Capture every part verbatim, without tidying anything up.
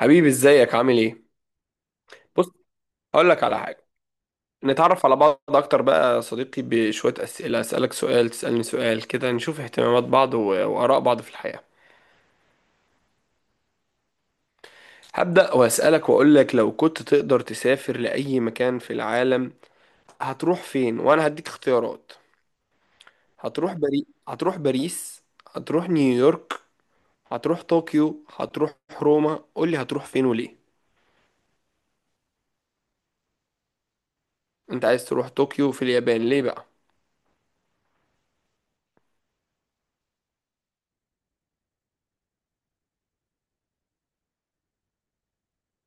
حبيبي، ازيك عامل ايه؟ بص، هقول لك على حاجه. نتعرف على بعض اكتر بقى يا صديقي بشويه اسئله، اسالك سؤال تسالني سؤال كده، نشوف اهتمامات بعض و- واراء بعض في الحياه. هبدا واسالك واقول لك، لو كنت تقدر تسافر لاي مكان في العالم هتروح فين؟ وانا هديك اختيارات. هتروح بري... هتروح باريس، هتروح نيويورك، هتروح طوكيو، هتروح روما؟ قول لي هتروح فين وليه. انت عايز تروح طوكيو في اليابان ليه بقى؟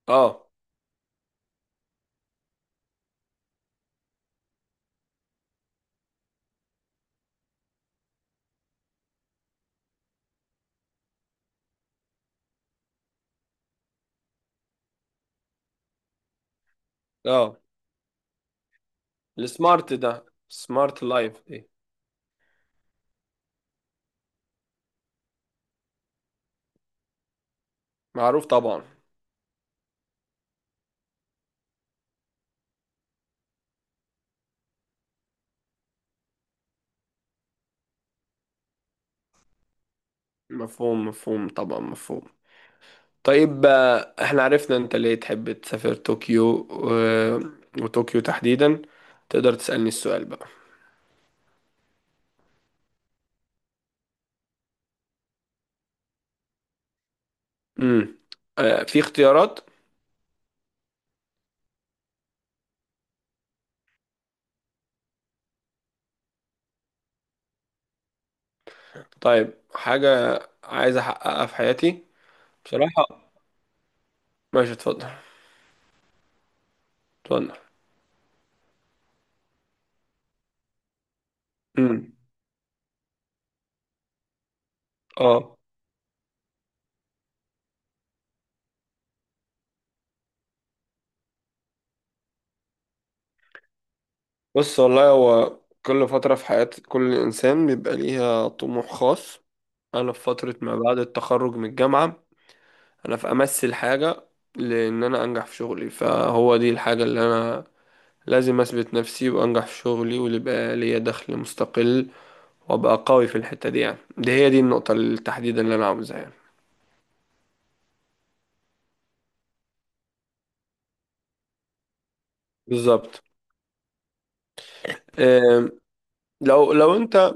اه. اه، السمارت ده، سمارت لايف. معروف طبعا. مفهوم، مفهوم طبعا مفهوم طيب آه، احنا عرفنا انت ليه تحب تسافر طوكيو و... وطوكيو تحديدا. تقدر تسألني السؤال بقى. امم آه، في اختيارات. طيب، حاجة عايز احققها في حياتي بصراحة. ماشي، اتفضل. اتفضل. امم اه. بص، والله هو كل فترة في حياة كل انسان بيبقى ليها طموح خاص. انا في فترة ما بعد التخرج من الجامعة، انا في امثل حاجة، لان انا انجح في شغلي، فهو دي الحاجة اللي انا لازم اثبت نفسي وانجح في شغلي، واللي يبقى ليا دخل مستقل وابقى قوي في الحتة دي. يعني دي هي، دي النقطة التحديدا اللي انا عاوزها يعني. بالظبط. أم، لو لو انت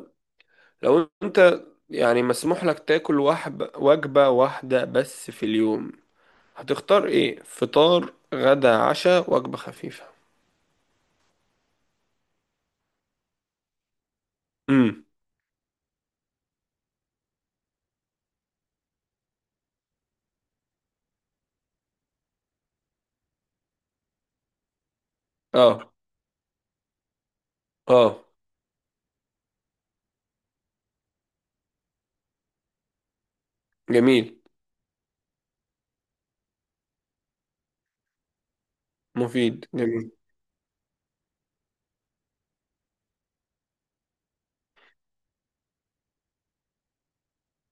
لو انت يعني مسموح لك تاكل وحب وجبة واحدة بس في اليوم، هتختار ايه؟ فطار، غدا، عشاء، وجبة خفيفة؟ امم اه. اه، جميل. مفيد، جميل.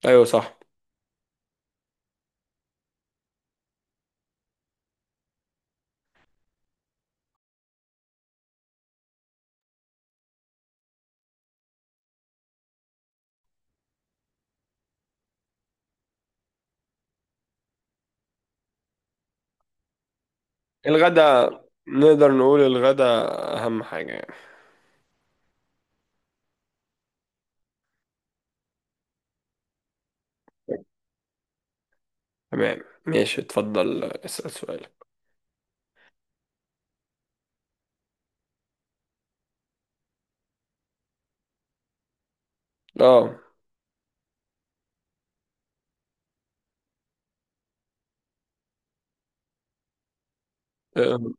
ايوه صح. الغدا، نقدر نقول الغدا أهم حاجة يعني. تمام. ماشي، اتفضل اسأل سؤالك. اه. آه،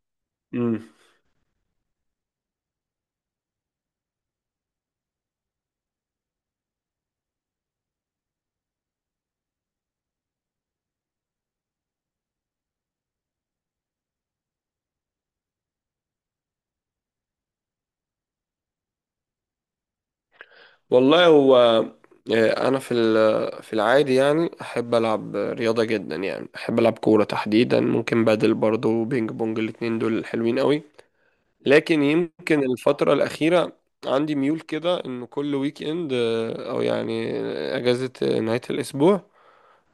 أمم. والله هو، آه، أنا في ال- في العادي يعني أحب ألعب رياضة جدا، يعني أحب ألعب كورة تحديدا، ممكن بادل برضه وبينج بونج، الاتنين دول حلوين قوي. لكن يمكن الفترة الأخيرة عندي ميول كده، إنه كل ويك إند، آه، أو يعني أجازة نهاية الأسبوع،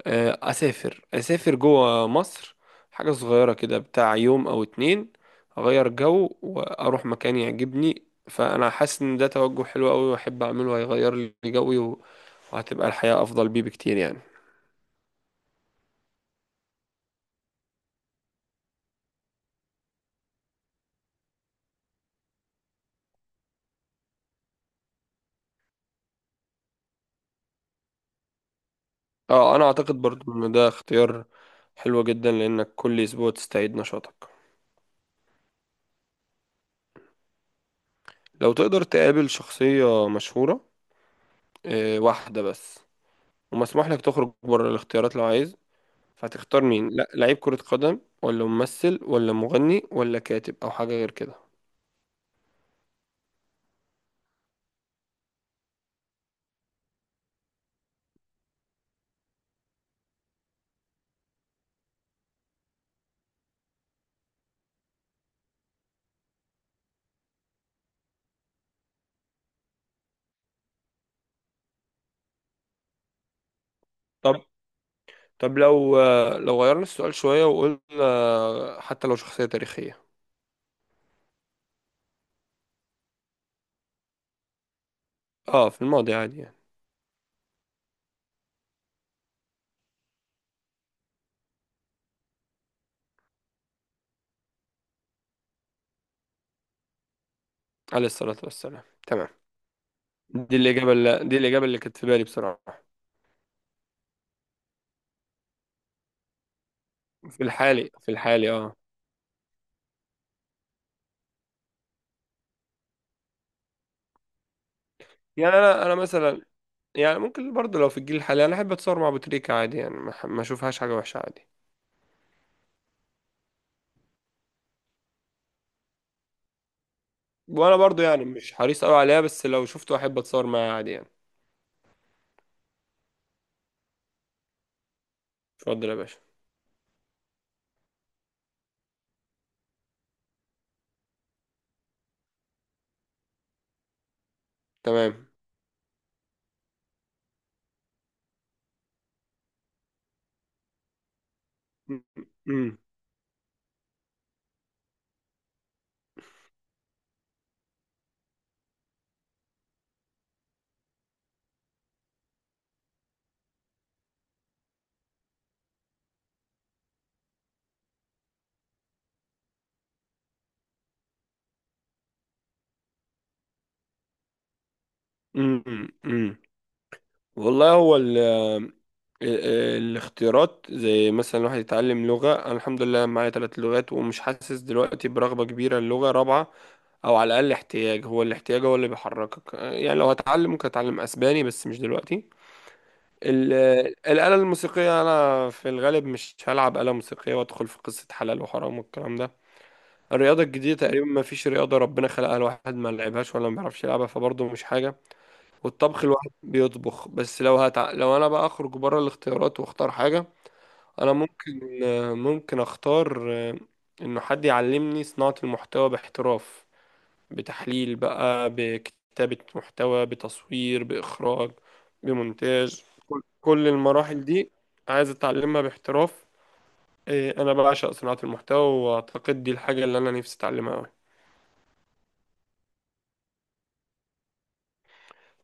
آه، اسافر اسافر جوه مصر، حاجه صغيره كده بتاع يوم او اتنين، اغير جو واروح مكان يعجبني. فانا حاسس ان ده توجه حلو قوي واحب اعمله، هيغير لي جوي و- وهتبقى الحياه افضل بيه بكتير يعني. اه، انا اعتقد برضو ان ده اختيار حلو جدا، لانك كل اسبوع تستعيد نشاطك. لو تقدر تقابل شخصيه مشهوره، آه، واحده بس، ومسموح لك تخرج بره الاختيارات لو عايز، فهتختار مين؟ لا لعيب كرة قدم، ولا ممثل، ولا مغني، ولا كاتب، او حاجة غير كده. طب، طب لو لو غيرنا السؤال شوية وقلنا حتى لو شخصية تاريخية. اه، في الماضي عادي يعني. عليه الصلاة والسلام، تمام. دي الإجابة اللي دي الإجابة اللي كانت في بالي بصراحة. في الحالي، في الحالي اه. يعني أنا أنا مثلا، يعني ممكن برضه، لو في الجيل الحالي، أنا أحب أتصور مع أبو تريكة عادي يعني، ما ما أشوفهاش حاجة وحشة عادي. وأنا برضه يعني مش حريص أوي عليها، بس لو شفته أحب أتصور معاه عادي يعني. اتفضل يا باشا. تمام. مم. مم. مم. والله هو ال آه، آه، الاختيارات، زي مثلا الواحد يتعلم لغة، أنا الحمد لله معايا ثلاث لغات ومش حاسس دلوقتي برغبة كبيرة للغة رابعة، أو على الأقل احتياج، هو الاحتياج هو اللي بيحركك. آه، يعني لو هتعلم ممكن أتعلم أسباني بس مش دلوقتي. ال- الآلة الموسيقية أنا في الغالب مش هلعب آلة موسيقية وأدخل في قصة حلال وحرام والكلام ده. الرياضة الجديدة تقريبا ما فيش رياضة ربنا خلقها الواحد ما لعبهاش ولا ما بيعرفش يلعبها، فبرضه مش حاجة. والطبخ الواحد بيطبخ. بس لو هتع... لو انا بقى اخرج بره الاختيارات واختار حاجة، انا ممكن آه، ممكن اختار آه، انه حد يعلمني صناعة المحتوى باحتراف، بتحليل بقى، بكتابة محتوى، بتصوير، بإخراج، بمونتاج، كل المراحل دي عايز اتعلمها باحتراف. آه، انا بعشق صناعة المحتوى، واعتقد دي الحاجة اللي انا نفسي اتعلمها أوي.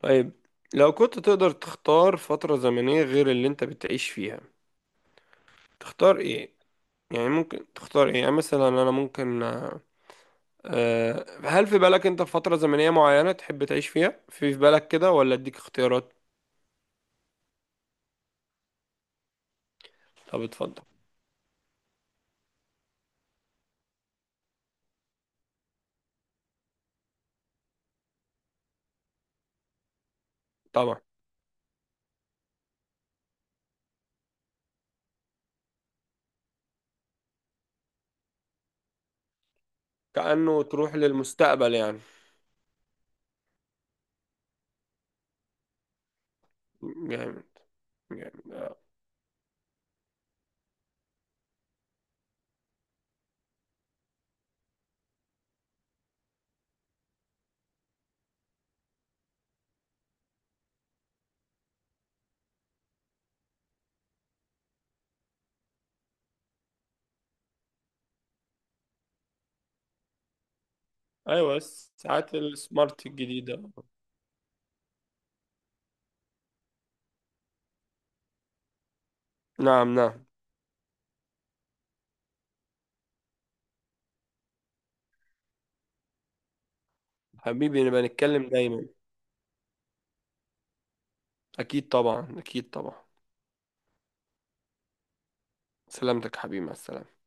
طيب، لو كنت تقدر تختار فترة زمنية غير اللي انت بتعيش فيها، تختار ايه؟ يعني ممكن تختار ايه؟ يعني مثلا انا ممكن، آه، آه، هل في بالك انت في فترة زمنية معينة تحب تعيش فيها، في في بالك كده، ولا اديك اختيارات؟ طب اتفضل. طبعا. كأنه تروح للمستقبل يعني. جامد، جامد. ايوه، ساعات السمارت الجديدة. نعم، نعم. حبيبي، نبقى نتكلم دايما. اكيد طبعا، اكيد طبعا. سلامتك يا حبيبي، مع السلامة.